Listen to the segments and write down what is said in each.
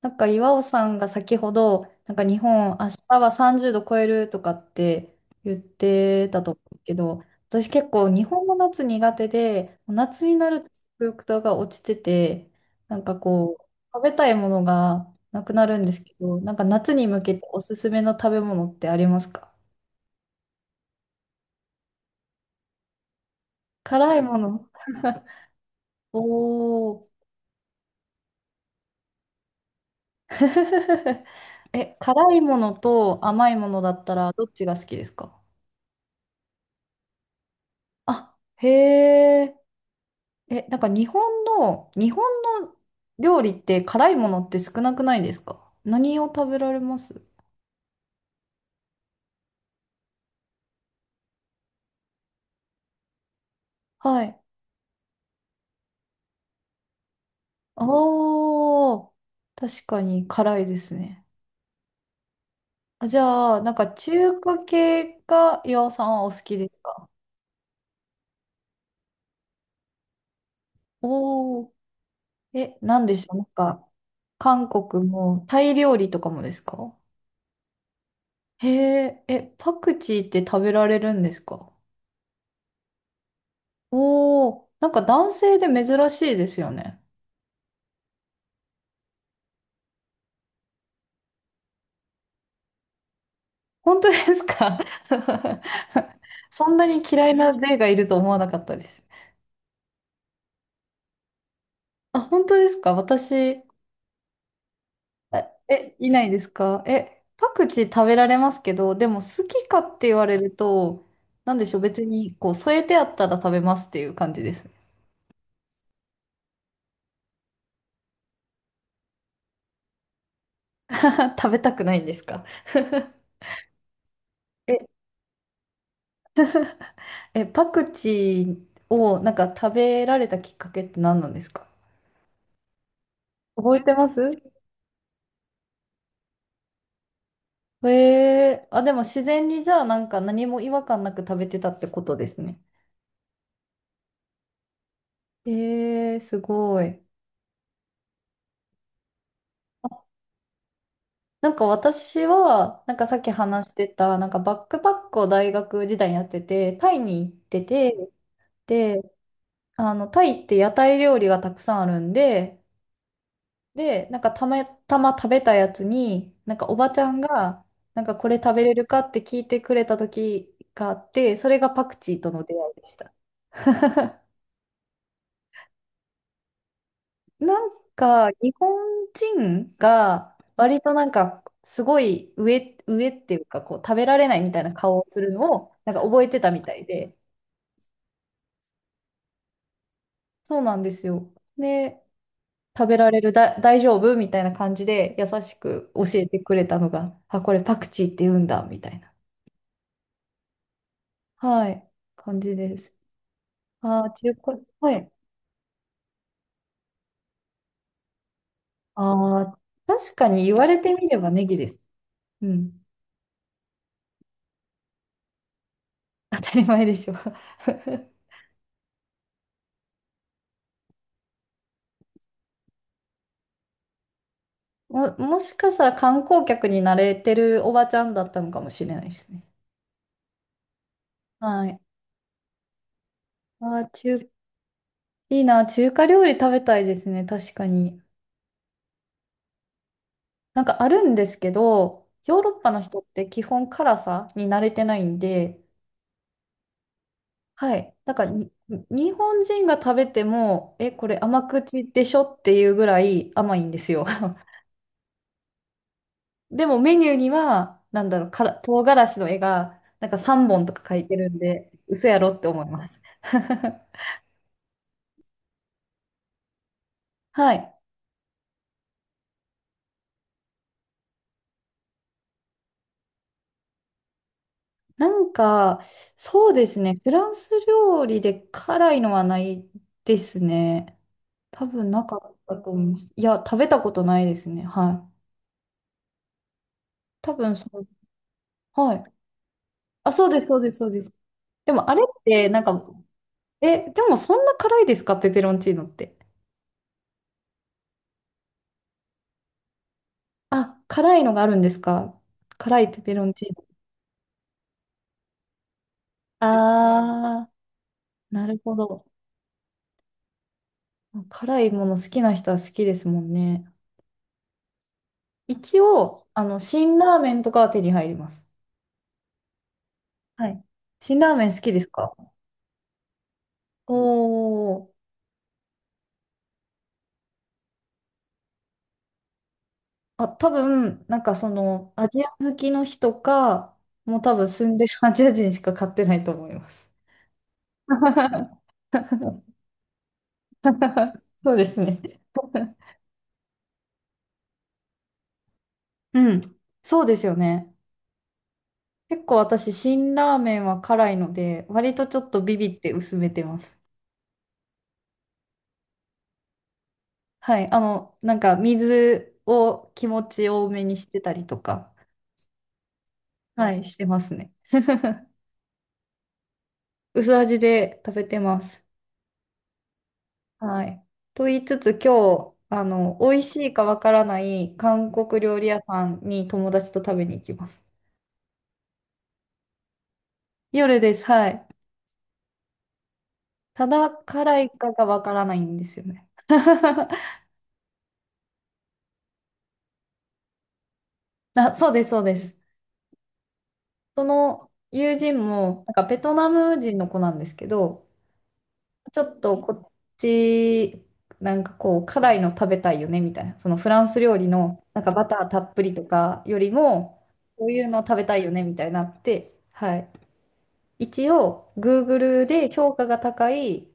なんか岩尾さんが先ほど、なんか日本明日は30度超えるとかって言ってたと思うんですけど、私結構日本の夏苦手で、夏になると食欲が落ちてて、なんかこう、食べたいものがなくなるんですけど、なんか夏に向けておすすめの食べ物ってありますか？辛いもの。おー。え、辛いものと甘いものだったらどっちが好きですか？あ、へえ。え、なんか日本の料理って辛いものって少なくないですか？何を食べられます？はい。ああ、確かに辛いですね。あ、じゃあ、なんか中華系が岩尾さんはお好きですか？おおー。え、何でした？なんか、韓国もタイ料理とかもですか？へえ、え、パクチーって食べられるんですか？おおー、なんか男性で珍しいですよね。本当ですか？ そんなに嫌いな税がいると思わなかったです。あ、本当ですか？私、あえ、いないですか？え、パクチー食べられますけど、でも好きかって言われると、なんでしょう、別にこう添えてあったら食べますっていう感じです。食べたくないんですか？え、え、パクチーをなんか食べられたきっかけって何なんですか？覚えてます？あ、でも自然にじゃあなんか何も違和感なく食べてたってことですね。えー、すごい。なんか私は、なんかさっき話してた、なんかバックパックを大学時代にやってて、タイに行ってて、で、あの、タイって屋台料理がたくさんあるんで、で、なんかたまたま食べたやつに、なんかおばちゃんが、なんかこれ食べれるかって聞いてくれた時があって、それがパクチーとの出会いでした。なんか、日本人が、割となんか、すごい上っていうか、こう、食べられないみたいな顔をするのを、なんか覚えてたみたいで、そうなんですよ。で、食べられるだ、大丈夫みたいな感じで、優しく教えてくれたのが、あ、これパクチーって言うんだ、みたいな、はい、感じです。あー、中華、はい。あー、確かに言われてみればネギです。うん、当たり前でしょ。もしかしたら観光客に慣れてるおばちゃんだったのかもしれないですね。はい。あー、いいな、中華料理食べたいですね、確かに。なんかあるんですけど、ヨーロッパの人って基本辛さに慣れてないんで、はい。なんかに日本人が食べても、え、これ甘口でしょっていうぐらい甘いんですよ。でもメニューには、なんだろう、から唐辛子の絵が、なんか3本とか書いてるんで、嘘やろって思います。はい。なんか、そうですね。フランス料理で辛いのはないですね。多分なかったと思います。いや、食べたことないですね。はい。多分そう。はい。あ、そうです、そうです、そうです。でもあれって、なんか、え、でもそんな辛いですか？ペペロンチーノって。あ、辛いのがあるんですか？辛いペペロンチーノ。あー、なるほど。辛いもの好きな人は好きですもんね。一応、あの、辛ラーメンとかは手に入ります。はい。辛ラーメン好きですか？おー。あ、多分、なんかその、アジア好きの人か、もう多分住んでるアジア人しか買ってないと思います。そうですね。うん。そうですよね。結構私、辛ラーメンは辛いので、割とちょっとビビって薄めてます。はい。あの、なんか水を気持ち多めにしてたりとか、はい、してますね。薄味で食べてます。はい。と言いつつ、今日、あの、美味しいかわからない韓国料理屋さんに友達と食べに行きます。夜です。はい。ただ辛いかがわからないんですよね。あ、そうです、そうです。その友人も、なんかベトナム人の子なんですけど、ちょっとこっち、なんかこう、辛いの食べたいよね、みたいな。そのフランス料理の、なんかバターたっぷりとかよりも、こういうの食べたいよね、みたいになって、はい。一応、Google で評価が高い、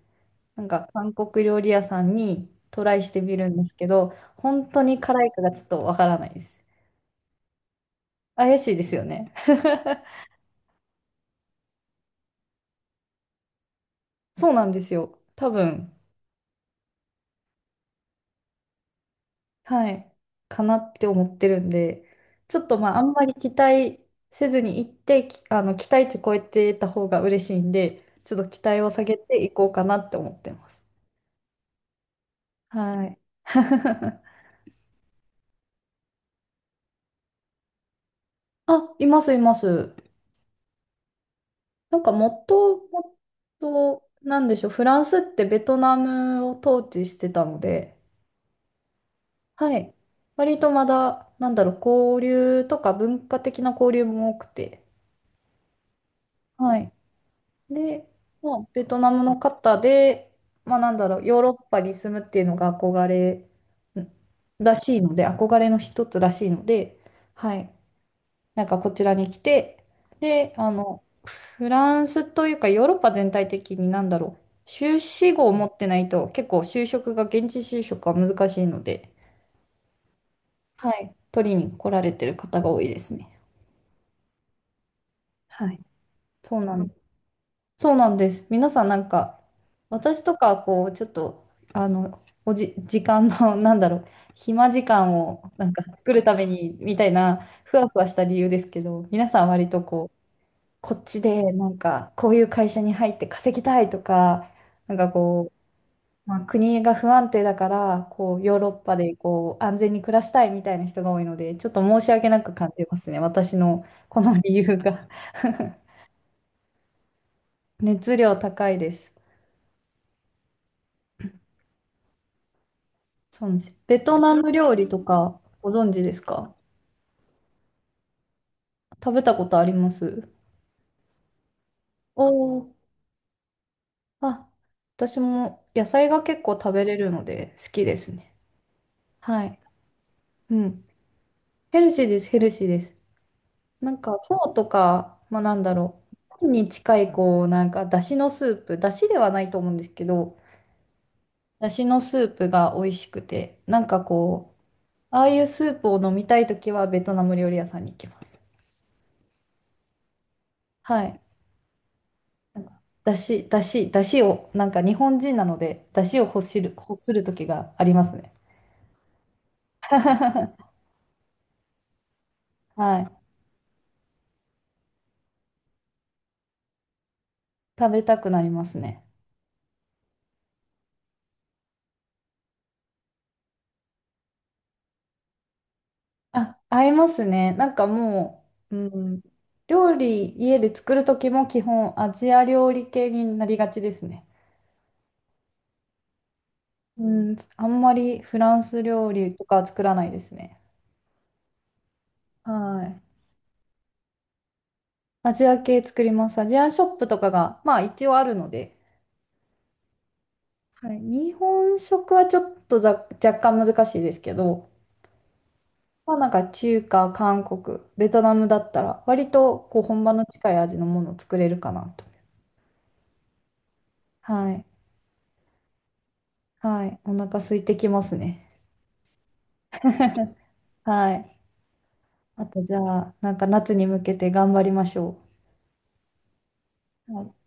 なんか韓国料理屋さんにトライしてみるんですけど、本当に辛いかがちょっとわからないです。怪しいですよね。そうなんですよ。多分、はい、かなって思ってるんで、ちょっとまあ、あんまり期待せずに行って、きあの、期待値超えてた方が嬉しいんで、ちょっと期待を下げていこうかなって思ってます。はい。あ、います、います。なんかもともと、なんでしょう、フランスってベトナムを統治してたので、はい。割とまだ、なんだろう、交流とか文化的な交流も多くて、はい。で、まあ、ベトナムの方で、まあなんだろう、ヨーロッパに住むっていうのが憧れんらしいので、憧れの一つらしいので、はい。なんかこちらに来て、で、あの、フランスというかヨーロッパ全体的になんだろう。修士号を持ってないと結構就職が、現地就職は難しいので、はい。取りに来られてる方が多いですね。はい。そうなん、そうなんです。皆さんなんか、私とかはこう、ちょっと、あの、時間の、なんだろう、暇時間をなんか作るためにみたいな、ふわふわした理由ですけど、皆さん割とこう、こっちでなんか、こういう会社に入って稼ぎたいとか、なんかこう、まあ、国が不安定だから、こう、ヨーロッパでこう安全に暮らしたいみたいな人が多いので、ちょっと申し訳なく感じますね。私のこの理由が 熱量高いです。そうなんです。ベトナム料理とかご存知ですか？食べたことあります？おおー。あ、私も野菜が結構食べれるので好きですね。はい。うん。ヘルシーです、ヘルシーです。なんか、フォーとか、まあ、なんだろう。パンに近い、こう、なんか、だしのスープ、だしではないと思うんですけど、だしのスープが美味しくて、なんかこう、ああいうスープを飲みたいときは、ベトナム料理屋さんに行きます。はい。なんかだしを、なんか日本人なので、だしを欲する、欲するときがありますね。はい。食べたくなりますね。あ、合いますね。なんかもう、うん、料理家で作る時も基本アジア料理系になりがちですね。うん、あんまりフランス料理とかは作らないですね。はい。アジア系作ります。アジアショップとかが、まあ一応あるので、はい、日本食はちょっと若干難しいですけど、まあなんか中華、韓国、ベトナムだったら割とこう本場の近い味のものを作れるかなと。はい。はい。お腹空いてきますね。はい。あとじゃあ、なんか夏に向けて頑張りましょう。はい。